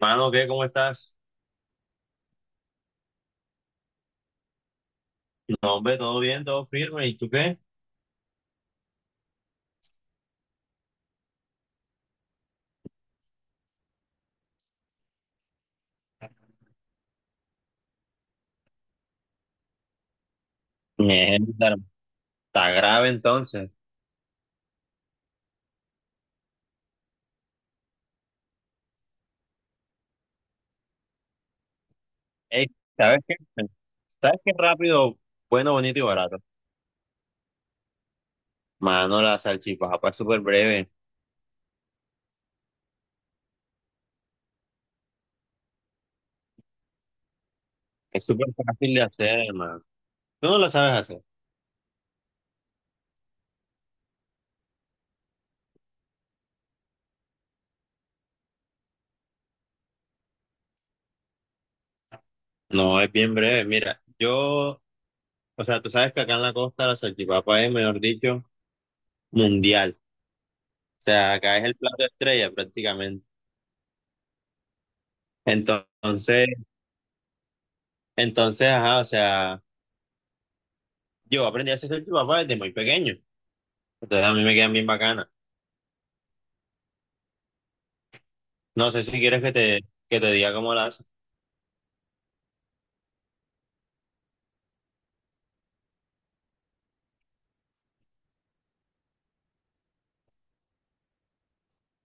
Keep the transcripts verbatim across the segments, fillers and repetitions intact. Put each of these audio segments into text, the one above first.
Mano, ¿qué? ¿Cómo estás? No, hombre, todo bien, todo firme. ¿Y tú qué? Mierda, está grave entonces. Ey, ¿sabes qué? ¿Sabes qué rápido, bueno, bonito y barato? Mano, la salchipapa es súper breve, es súper fácil de hacer, hermano. Tú no la sabes hacer. No, es bien breve. Mira, yo, o sea, tú sabes que acá en la costa la salchipapa es, mejor dicho, mundial. O sea, acá es el plato estrella prácticamente. Entonces, entonces, ajá, o sea, yo aprendí a hacer salchipapa desde muy pequeño. Entonces a mí me quedan bien bacanas. No sé si quieres que te, que te diga cómo las.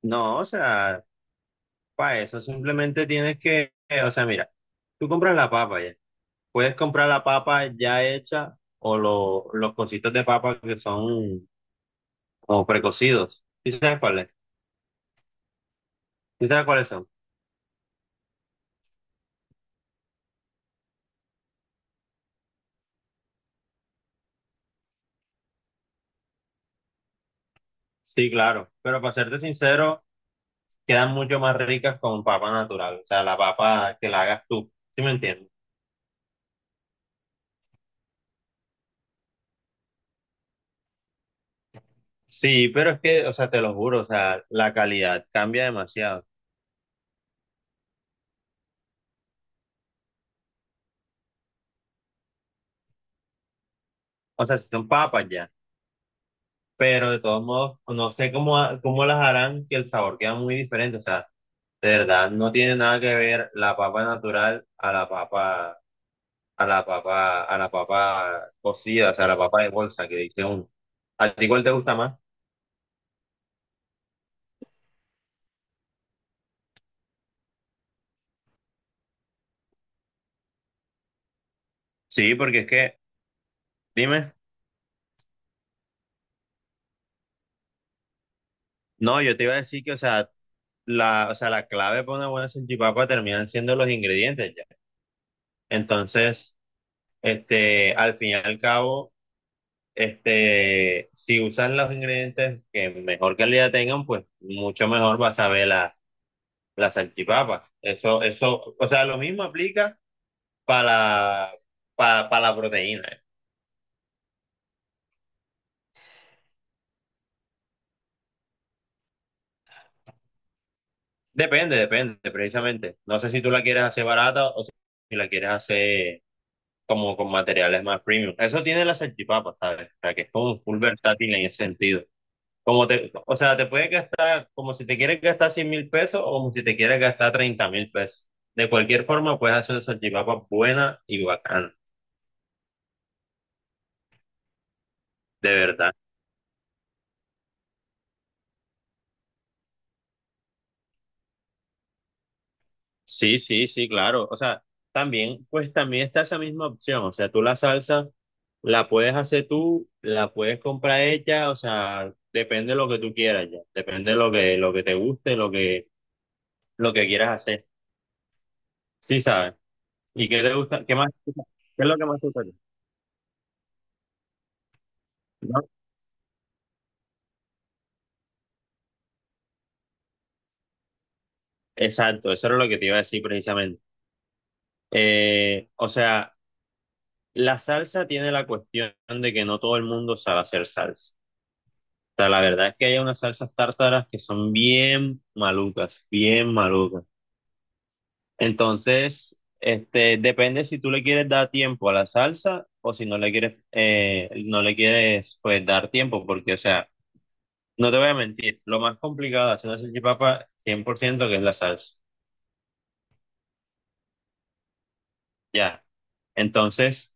No, o sea, para eso simplemente tienes que, eh, o sea, mira, tú compras la papa ya. Puedes comprar la papa ya hecha o lo- los cositos de papa que son como precocidos. ¿Sí sabes cuáles? ¿Sí sabes cuáles son? Sí, claro. Pero para serte sincero, quedan mucho más ricas con papa natural. O sea, la papa que la hagas tú. ¿Sí me entiendes? Sí, pero es que, o sea, te lo juro, o sea, la calidad cambia demasiado. O sea, si son papas ya, pero de todos modos, no sé cómo, ha- cómo las harán, que el sabor queda muy diferente. O sea, de verdad, no tiene nada que ver la papa natural a la papa, a la papa, a la papa cocida, o sea, a la papa de bolsa que dice uno. ¿A ti cuál te gusta más? Sí, porque es que, dime, no, yo te iba a decir que, o sea, la, o sea, la clave para una buena salchipapa terminan siendo los ingredientes ya. Entonces, este, al fin y al cabo. Este, si usan los ingredientes que mejor calidad tengan, pues mucho mejor vas a ver la, la salchipapa. Eso, eso, o sea, lo mismo aplica para, para, para la proteína. Depende, depende, precisamente. No sé si tú la quieres hacer barata o si la quieres hacer como con materiales más premium. Eso tiene la salchipapa, ¿sabes? O sea, que es como full versátil en ese sentido. Como te, o sea, te puedes gastar como si te quieres gastar cien mil pesos o como si te quieres gastar treinta mil pesos. De cualquier forma, puedes hacer una salchipapa buena y bacana, de verdad. Sí, sí, sí, claro. O sea, también, pues también está esa misma opción. O sea, tú la salsa la puedes hacer tú, la puedes comprar hecha, o sea, depende de lo que tú quieras ya. Depende de lo que, lo que te guste, lo que, lo que quieras hacer. Sí, ¿sabes? ¿Y qué te gusta? ¿Qué más? ¿Qué es lo que más te gusta? Exacto, eso era lo que te iba a decir precisamente. Eh, o sea, la salsa tiene la cuestión de que no todo el mundo sabe hacer salsa. O sea, la verdad es que hay unas salsas tártaras que son bien malucas, bien malucas. Entonces, este, depende si tú le quieres dar tiempo a la salsa o si no le quieres, eh, no le quieres, pues, dar tiempo, porque, o sea, no te voy a mentir, lo más complicado de hacer una salchipapa, cien por ciento, que es la salsa. Ya. Entonces.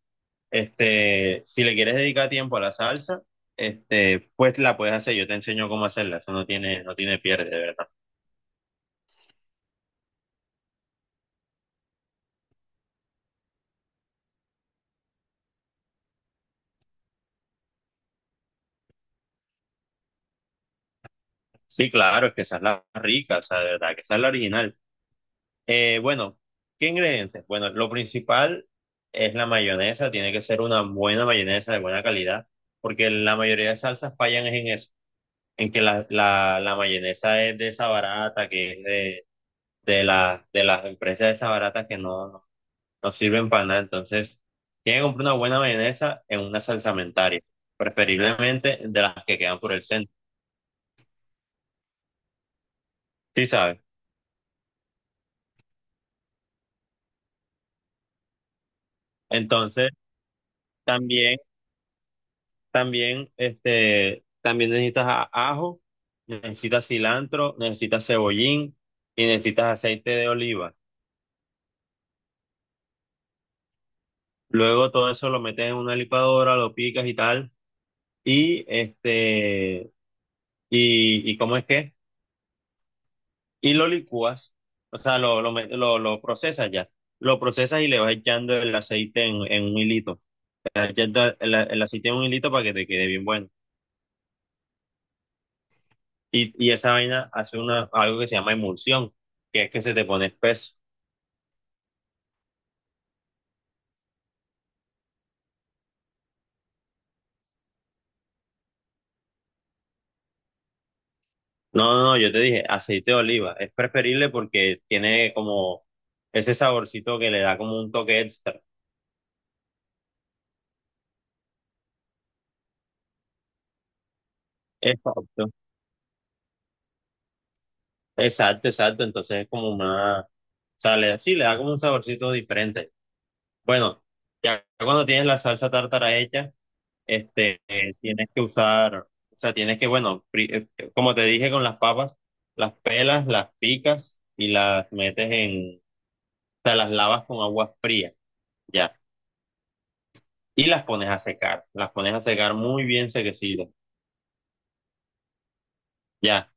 Este, si le quieres dedicar tiempo a la salsa, este, pues la puedes hacer. Yo te enseño cómo hacerla. Eso no tiene, no tiene pierde, de verdad. Sí, claro, es que esa es la rica, o sea, de verdad, que esa es la original. Eh, bueno, ¿qué ingredientes? Bueno, lo principal es la mayonesa. Tiene que ser una buena mayonesa de buena calidad, porque la mayoría de salsas fallan es en eso, en que la, la, la mayonesa es de esa barata, que es de, de las de las empresas de esa barata que no no sirven para nada. Entonces, tienen que comprar una buena mayonesa en una salsamentaria, preferiblemente de las que quedan por el centro, ¿sí sabes? Entonces, también, también, este, también necesitas a- ajo, necesitas cilantro, necesitas cebollín y necesitas aceite de oliva. Luego todo eso lo metes en una licuadora, lo picas y tal. Y este, y, ¿y cómo es que? Y lo licúas, o sea, lo, lo, me- lo, lo procesas ya. Lo procesas y le vas echando el aceite en, en, un hilito. O sea, echando el, el aceite en un hilito para que te quede bien bueno. Y, y esa vaina hace una, algo que se llama emulsión, que es que se te pone espeso. No, no, no, yo te dije aceite de oliva. Es preferible porque tiene como ese saborcito que le da como un toque extra. Exacto. Exacto, exacto. Entonces es como una, o sea, le- sí, le da como un saborcito diferente. Bueno, ya cuando tienes la salsa tártara hecha, este, eh, tienes que usar, o sea, tienes que, bueno, pri- eh, como te dije con las papas, las pelas, las picas y las metes en, o sea, las lavas con agua fría, ya, y las pones a secar, las pones a secar muy bien sequecidas, ya.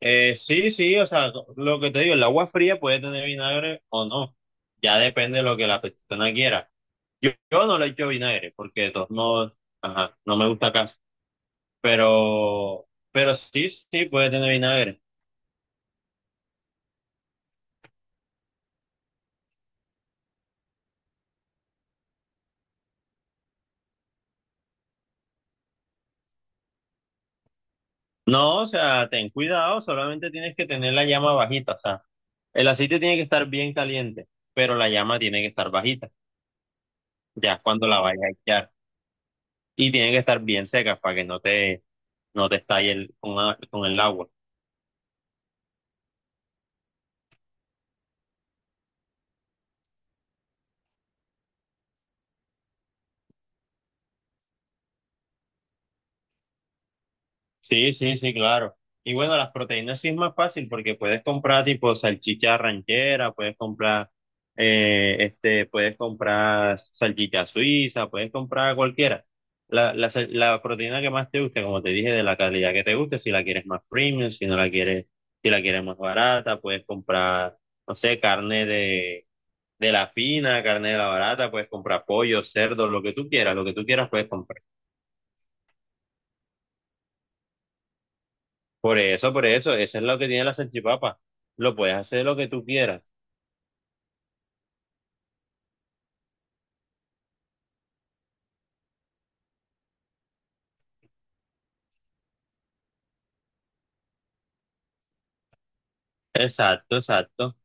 Eh, sí, sí, o sea, lo que te digo, el agua fría puede tener vinagre o no, ya depende de lo que la persona quiera. Yo, yo no le echo vinagre, porque de todos modos, ajá, no me gusta casi. Pero, pero sí, sí, puede tener vinagre. No, o sea, ten cuidado, solamente tienes que tener la llama bajita, o sea, el aceite tiene que estar bien caliente, pero la llama tiene que estar bajita, ya es cuando la vayas a echar. Y tiene que estar bien seca para que no te, no te estalle el- con, a- con el agua. Sí, sí, sí, claro. Y bueno, las proteínas sí es más fácil porque puedes comprar tipo salchicha ranchera, puedes comprar, eh, este, puedes comprar salchicha suiza, puedes comprar cualquiera. La, la, sal- la proteína que más te guste, como te dije, de la calidad que te guste, si la quieres más premium, si no la quieres, si la quieres más barata, puedes comprar, no sé, carne de, de la fina, carne de la barata, puedes comprar pollo, cerdo, lo que tú quieras, lo que tú quieras puedes comprar. Por eso, por eso, eso es lo que tiene la salchipapa. Lo puedes hacer lo que tú quieras. Exacto, exacto.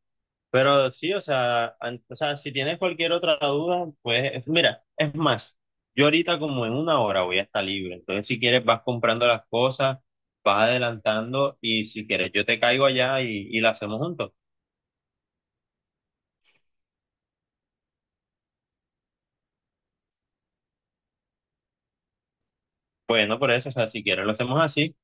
Pero sí, o sea, an- o sea, si tienes cualquier otra duda, pues mira, es más, yo ahorita como en una hora voy a estar libre. Entonces, si quieres, vas comprando las cosas, vas adelantando y si quieres, yo te caigo allá y, y la hacemos juntos. Bueno, por eso, o sea, si quieres, lo hacemos así.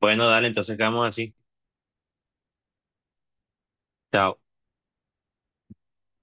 Bueno, dale, entonces quedamos así. Chao.